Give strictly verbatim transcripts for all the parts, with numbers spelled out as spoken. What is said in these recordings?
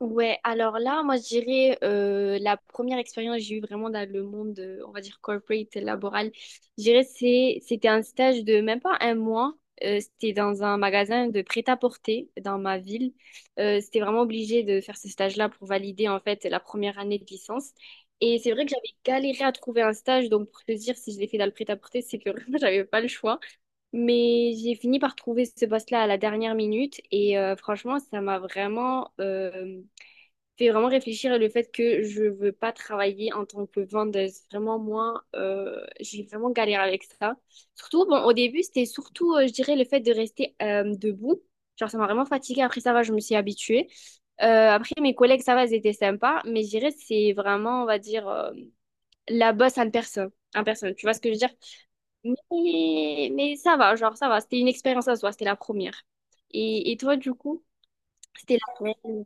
Ouais, alors là, moi, je dirais euh, la première expérience que j'ai eue vraiment dans le monde, euh, on va dire corporate, laboral, je dirais c'est c'était un stage de même pas un mois. Euh, c'était dans un magasin de prêt-à-porter dans ma ville. Euh, c'était vraiment obligé de faire ce stage-là pour valider en fait la première année de licence. Et c'est vrai que j'avais galéré à trouver un stage, donc pour te dire si je l'ai fait dans le prêt-à-porter, c'est que vraiment j'avais pas le choix. Mais j'ai fini par trouver ce poste-là à la dernière minute et euh, franchement, ça m'a vraiment euh, fait vraiment réfléchir le fait que je veux pas travailler en tant que vendeuse. Vraiment, moi, euh, j'ai vraiment galéré avec ça. Surtout, bon, au début, c'était surtout, euh, je dirais, le fait de rester euh, debout. Genre, ça m'a vraiment fatiguée. Après, ça va, je me suis habituée. Euh, après, mes collègues, ça va, ils étaient sympas. Mais je dirais, c'est vraiment, on va dire, euh, la bosse en personne. En personne, tu vois ce que je veux dire? Mais, mais ça va, genre, ça va. C'était une expérience à soi, c'était la première. Et, et toi, du coup, c'était la première.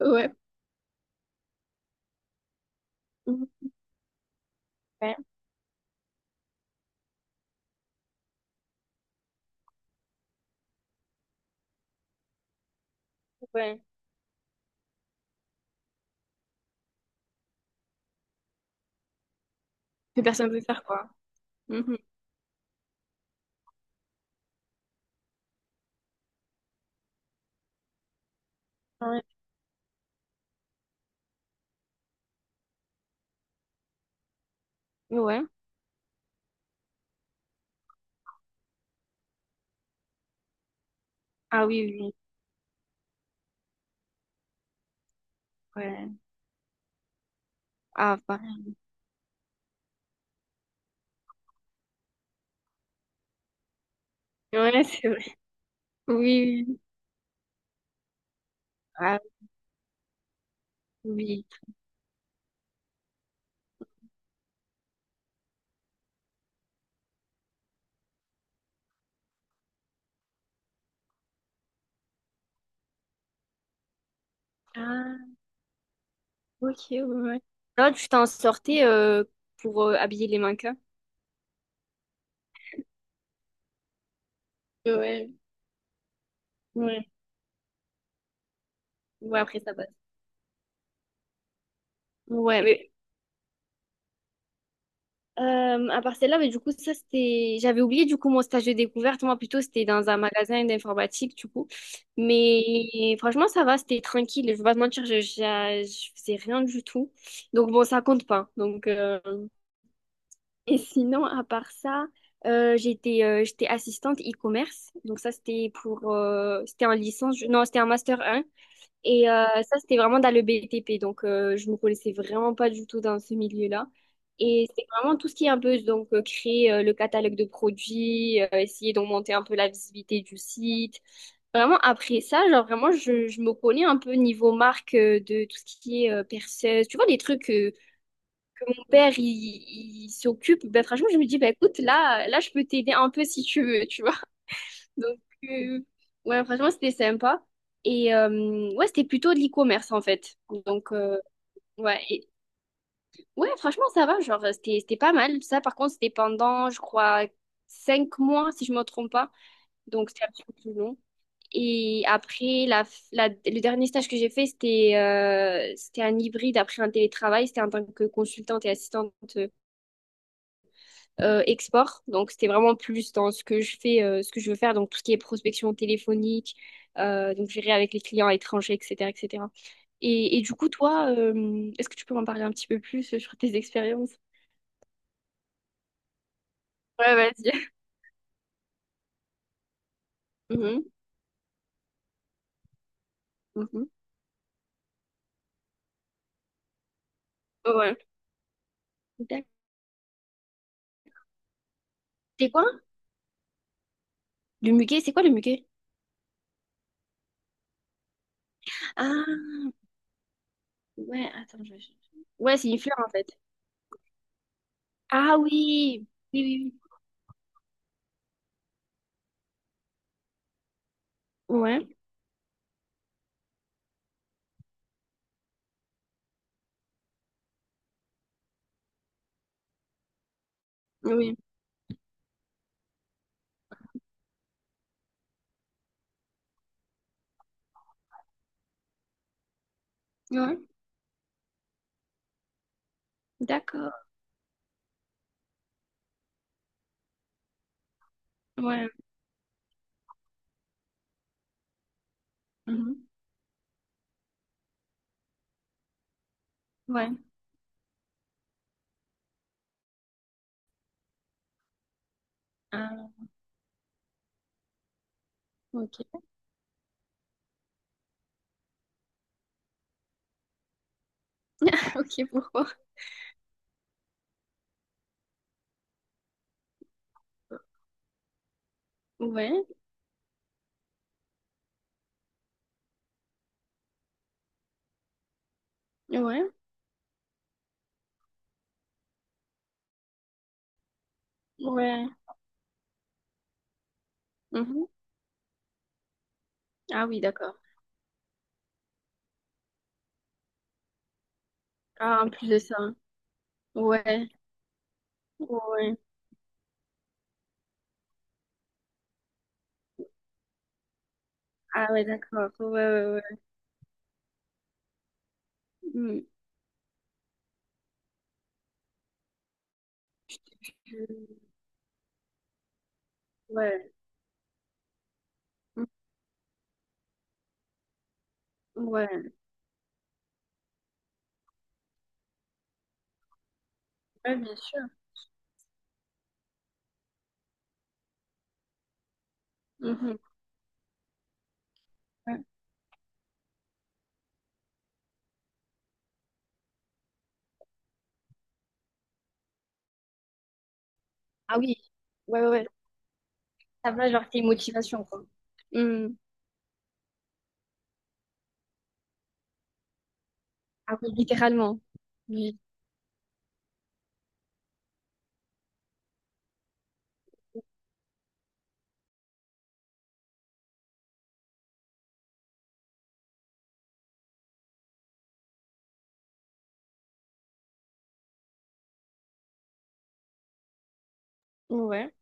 Ouais. Ouais. Ouais. Que personne ne peut faire, quoi. Mhm. Ouais. Ouais. Ah oui, oui. Ouais. Ah, pareil. Ouais, c'est vrai. Oui, oui. Ah, oui. Ah, ok, ouais. Ouais. Là, tu t'en sortais euh, pour euh, habiller les mannequins. Ouais. Ouais. Ouais, après ça passe. Ouais, Euh, à part celle-là, mais du coup, ça, c'était. J'avais oublié, du coup, mon stage de découverte. Moi, plutôt, c'était dans un magasin d'informatique, du coup. Mais franchement, ça va, c'était tranquille. Je vais pas te mentir, je, j'a- je, faisais rien du tout. Donc, bon, ça compte pas. Donc, euh, Et sinon, à part ça, euh, j'étais euh, j'étais assistante e-commerce. Donc, ça, c'était pour... euh, C'était en licence. je- Non, c'était en master un. Et euh, ça, c'était vraiment dans le B T P. Donc, euh, je me connaissais vraiment pas du tout dans ce milieu-là. Et c'est vraiment tout ce qui est un peu, donc, euh, créer euh, le catalogue de produits, euh, essayer d'augmenter un peu la visibilité du site. Vraiment, après ça, genre, vraiment, je, je me connais un peu niveau marque euh, de tout ce qui est euh, perceuse. Tu vois, des trucs que mon père, il, il s'occupe. Ben, franchement, je me dis, ben, écoute, là, là, je peux t'aider un peu si tu veux, tu vois. Donc, euh, ouais, franchement, c'était sympa. Et euh, ouais, c'était plutôt de l'e-commerce en fait. Donc, euh, ouais, et- ouais, franchement, ça va. Genre, c'était, c'était pas mal. Ça, par contre, c'était pendant, je crois, cinq mois, si je me trompe pas. Donc, c'était un petit peu plus long. Et après, la, la- le dernier stage que j'ai fait, c'était euh, c'était un hybride après un télétravail. C'était en tant que consultante et assistante euh, euh, export. Donc, c'était vraiment plus dans ce que je fais, euh, ce que je veux faire, donc tout ce qui est prospection téléphonique, euh, donc gérer avec les clients étrangers, et cetera, et cetera. Et, cetera. et et du coup, toi, euh, est-ce que tu peux m'en parler un petit peu plus euh, sur tes expériences? Ouais, vas-y. Mhm, mhm. Ouais. D'accord. C'est quoi? Le muguet, c'est quoi le muguet? Ah, ouais, attends, je... je- Ouais, c'est une fleur en fait. Ah oui, oui, oui, oui. Ouais, oui, ouais, d'accord, ouais, mhm, ouais, ah, ok, ok, pourquoi? Ouais, ouais, ouais. Mhm. Ah oui, d'accord. Ah, en plus de ça. Ouais, ouais. Ah ouais, d'accord. Ouais, ouais, ouais. Mm, je- Ouais, mm, ouais. Ouais, bien sûr. Mhm, ouais. Ah oui, ouais, ouais. Ouais. Ça va, genre, c'est une motivation, quoi. Mm. Ah oui, littéralement. Oui. Ouais,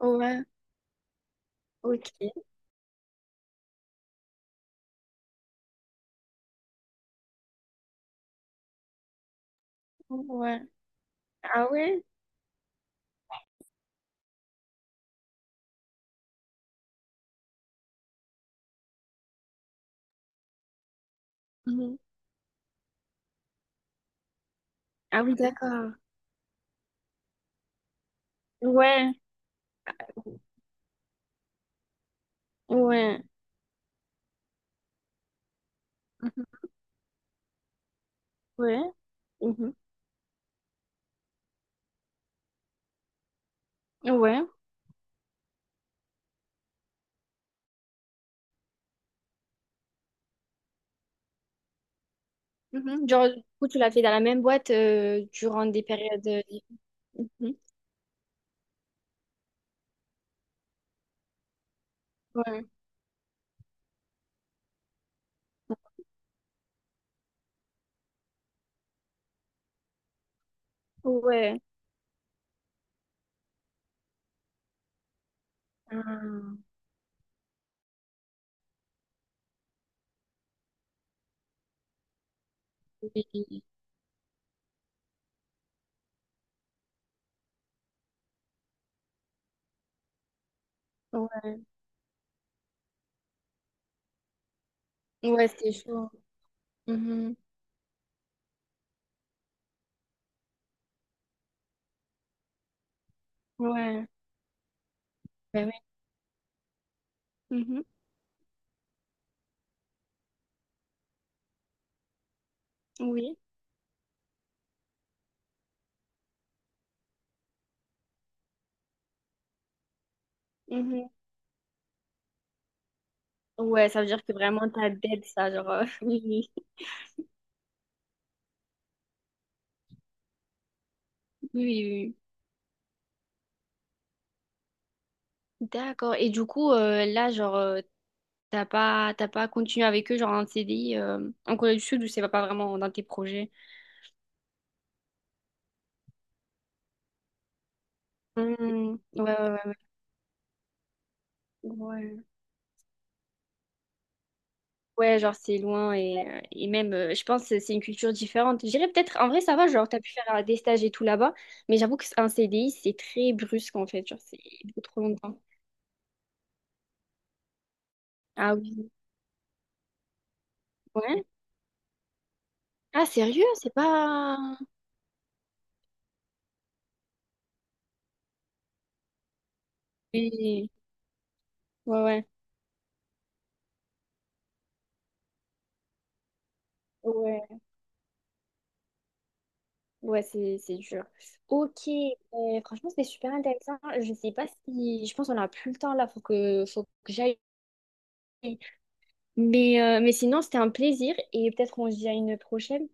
ouais, ok. Ouais. Ah ouais? Mhm. Ah oui, d'accord. Ouais, ouais. Mhm. Ouais. Mhm, Ouais. Mhm. Genre, du coup, tu l'as fait dans la même boîte euh, durant des périodes. euh, Mhm. Ouais. Ouais. Ah, oui. Ouais, ouais, c'était chaud. Mhm. Ouais. Ben oui. Mhm. Oui. Mhm. Ouais, ça veut dire que vraiment t'as dead ça, genre. euh, Oui, oui, oui. Oui. Oui. D'accord. Et du coup, euh, là, genre, euh, t'as pas, t'as pas continué avec eux, genre en C D I, euh, en Corée du Sud, ou c'est pas vraiment dans tes projets? Mhm. Ouais, ouais, ouais. Ouais. Ouais, genre c'est loin et, euh, et même, euh, je pense que c'est une culture différente. Je dirais peut-être, en vrai, ça va, genre, t'as pu faire euh, des stages et tout là-bas, mais j'avoue que qu'un C D I, c'est très brusque en fait, genre, c'est beaucoup trop longtemps. Ah oui, ouais. Ah, sérieux? C'est pas. Oui. Ouais, ouais. Ouais, ouais, c'est c'est dur. Ok, euh, franchement, c'était super intéressant. Je sais pas si. Je pense qu'on a plus le temps là, faut que, faut que j'aille. Mais, euh, mais sinon, c'était un plaisir et peut-être on se dit à une prochaine.